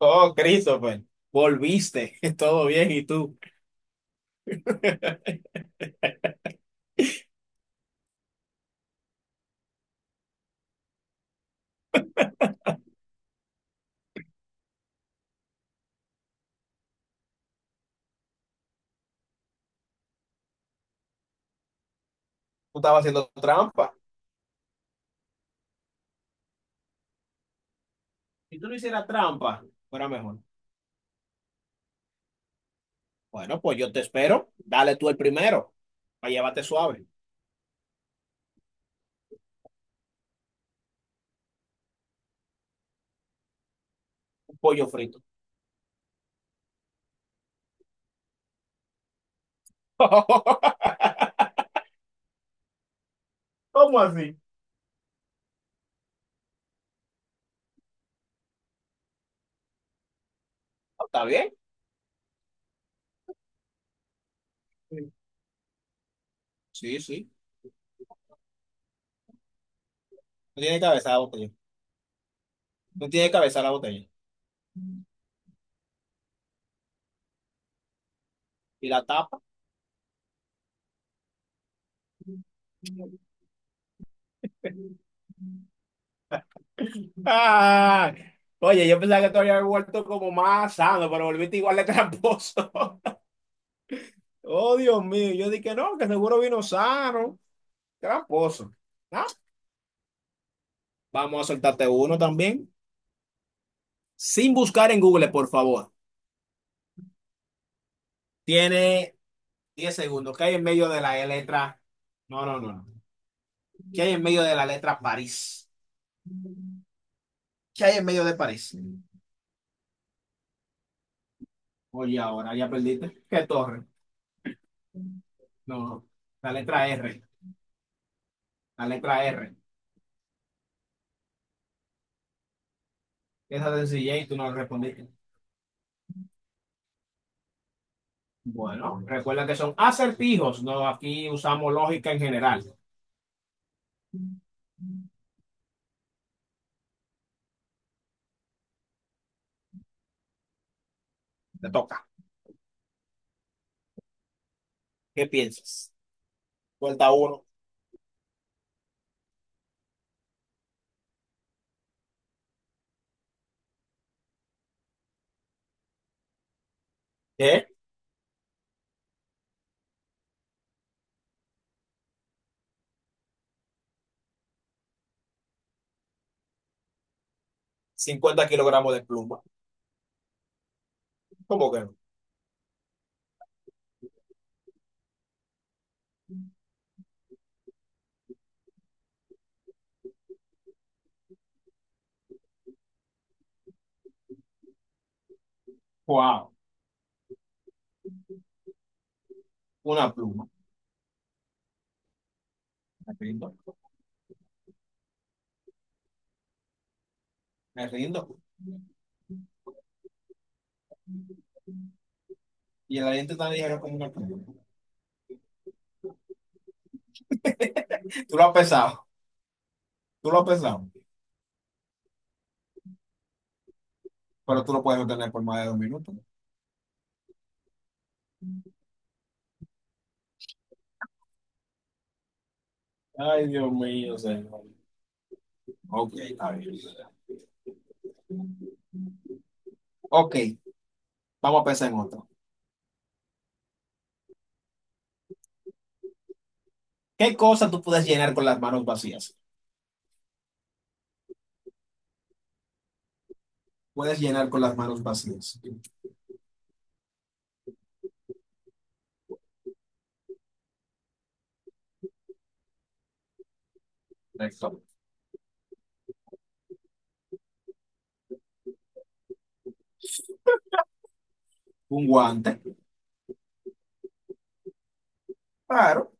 Oh, Christopher, volviste, todo bien, ¿y tú? Tú estabas haciendo trampa. Si tú no hicieras trampa, fuera mejor. Bueno, pues yo te espero. Dale tú el primero, para llevarte suave. Un pollo frito. ¿Cómo así? Oh, ¿está bien? Sí. Sí, sí. No tiene cabeza la botella. No tiene cabeza la botella. ¿Y la tapa? Ah, oye, yo pensaba que te había vuelto como más sano, pero volviste igual de tramposo. Oh, Dios mío, yo dije que no, que seguro vino sano. Tramposo. ¿No? Vamos a soltarte uno también. Sin buscar en Google, por favor. Tiene 10 segundos. ¿Qué hay en medio de la letra? No. ¿Qué hay en medio de la letra París? ¿Qué hay en medio de París? Oye, ahora ya perdiste. ¿Qué torre? No, no, la letra R. La letra R. Esa sencilla y tú no respondiste. Bueno, recuerda que son acertijos. No, aquí usamos lógica en general. Te toca. ¿Qué piensas? Suelta uno. ¿Qué? 50 kilogramos de pluma. ¿Cómo que no? Wow, una pluma. Me rindo, me rindo. Y el aliento tan ligero como una pluma. Tú lo has pesado, tú lo has pesado, pero tú lo puedes obtener por más de dos minutos. Ay, Dios mío, señor. Ok, está bien. Ok, vamos a pensar en otro. ¿Qué cosa tú puedes llenar con las manos vacías? Puedes llenar con las manos vacías. Correcto. Un guante, claro,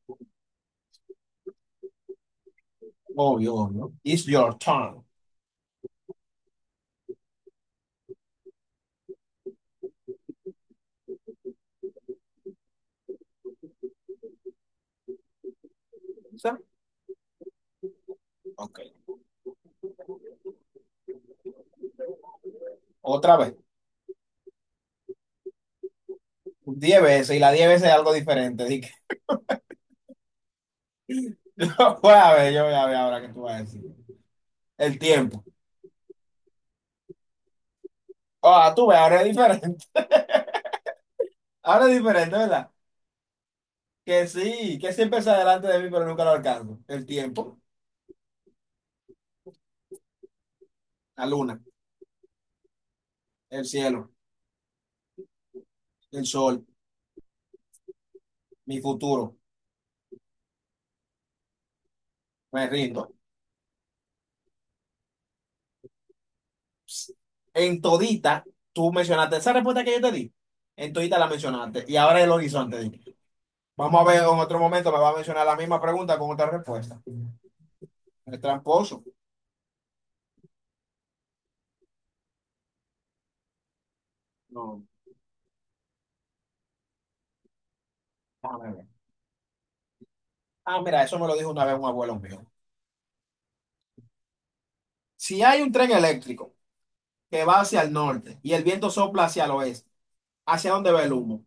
obvio, obvio. It's your turn. ¿Sí? Ok, otra vez. Diez veces, y las diez veces es algo diferente. Así que, yo voy a ver ahora qué tú vas a decir. El tiempo. Ah, tú ves, ahora es diferente. Ahora es diferente, ¿verdad? Que sí, que siempre está delante de mí, pero nunca lo alcanzo. El tiempo, la luna, el cielo, el sol, mi futuro. Me rindo. Psst. En todita, tú mencionaste esa respuesta que yo te di. En todita la mencionaste. Y ahora el horizonte, dije. Vamos a ver, en otro momento me va a mencionar la misma pregunta con otra respuesta. El tramposo. No, déjame ver. Ah, mira, eso me lo dijo una vez un abuelo mío. Si hay un tren eléctrico que va hacia el norte y el viento sopla hacia el oeste. ¿Hacia dónde va el humo?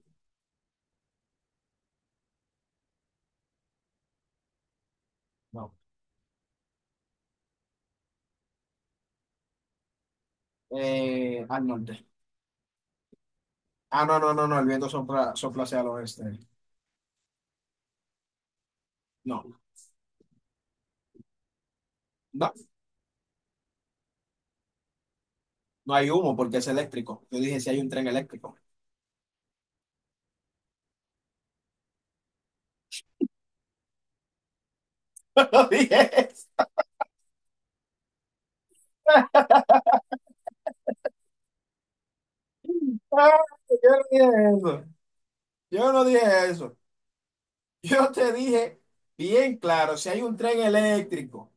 No. Al norte. Ah, no, el viento sopla hacia el oeste. No, no, no hay humo porque es eléctrico. Yo dije si hay un tren eléctrico. Yo no dije eso. Ah, yo no dije eso. Yo no dije eso. Yo te dije bien claro, si hay un tren eléctrico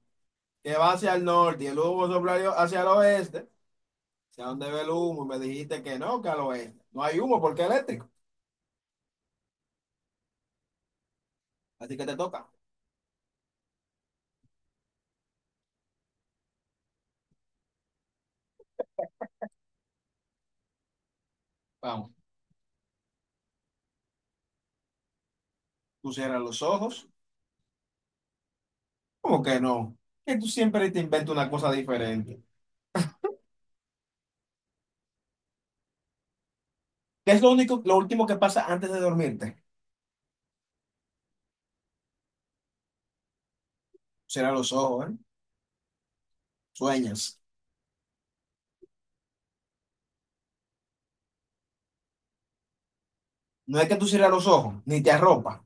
que va hacia el norte y el humo sopla hacia el oeste, ¿hacia dónde ve el humo? Y me dijiste que no, que al oeste. No hay humo porque es eléctrico. Así que te toca. Vamos. Tú cierras los ojos. ¿Cómo que no? Que tú siempre te inventas una cosa diferente. ¿Qué es lo único, lo último que pasa antes de dormirte? Cierra los ojos, ¿eh? Sueñas. No, es que tú cierras los ojos, ni te arropa.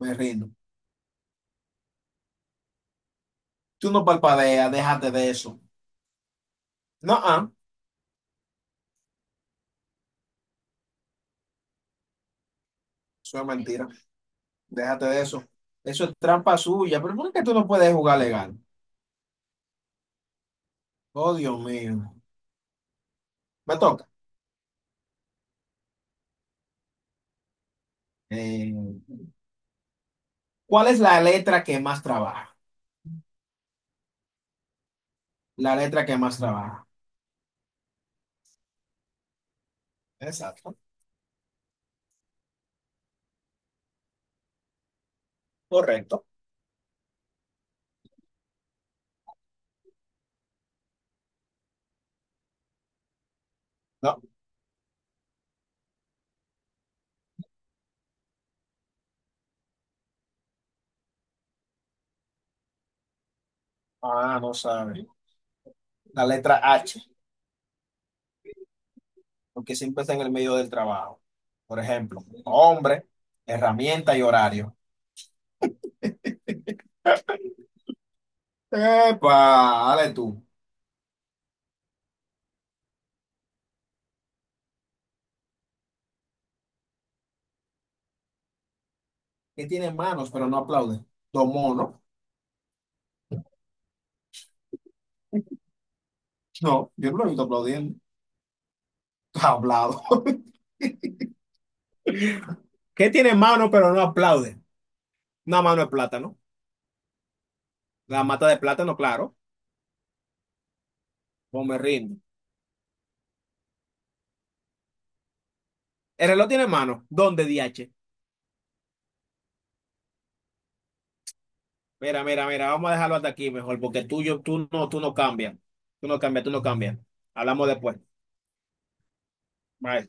Me rindo. Tú no palpadeas, déjate de eso. No, ah, eso es mentira. Déjate de eso. Eso es trampa suya. Pero ¿por qué tú no puedes jugar legal? Oh, Dios mío. Me toca. Eh, ¿Cuál es la letra que más trabaja? La letra que más trabaja. Exacto. Correcto. No. Ah, no sabe. La letra H, porque siempre está en el medio del trabajo. Por ejemplo, hombre, herramienta y horario. ¡Epa! Dale tú. Que tiene manos, pero no aplaude. Dos monos. No, yo no lo he visto aplaudiendo. Está hablado. ¿Qué tiene mano, pero no aplaude? Una mano de plátano. La mata de plátano, claro. Pues me rindo. ¿El reloj tiene mano? ¿Dónde, DH? Mira, vamos a dejarlo hasta aquí mejor, porque tú no cambias. Tú no cambias. Hablamos después. Bye.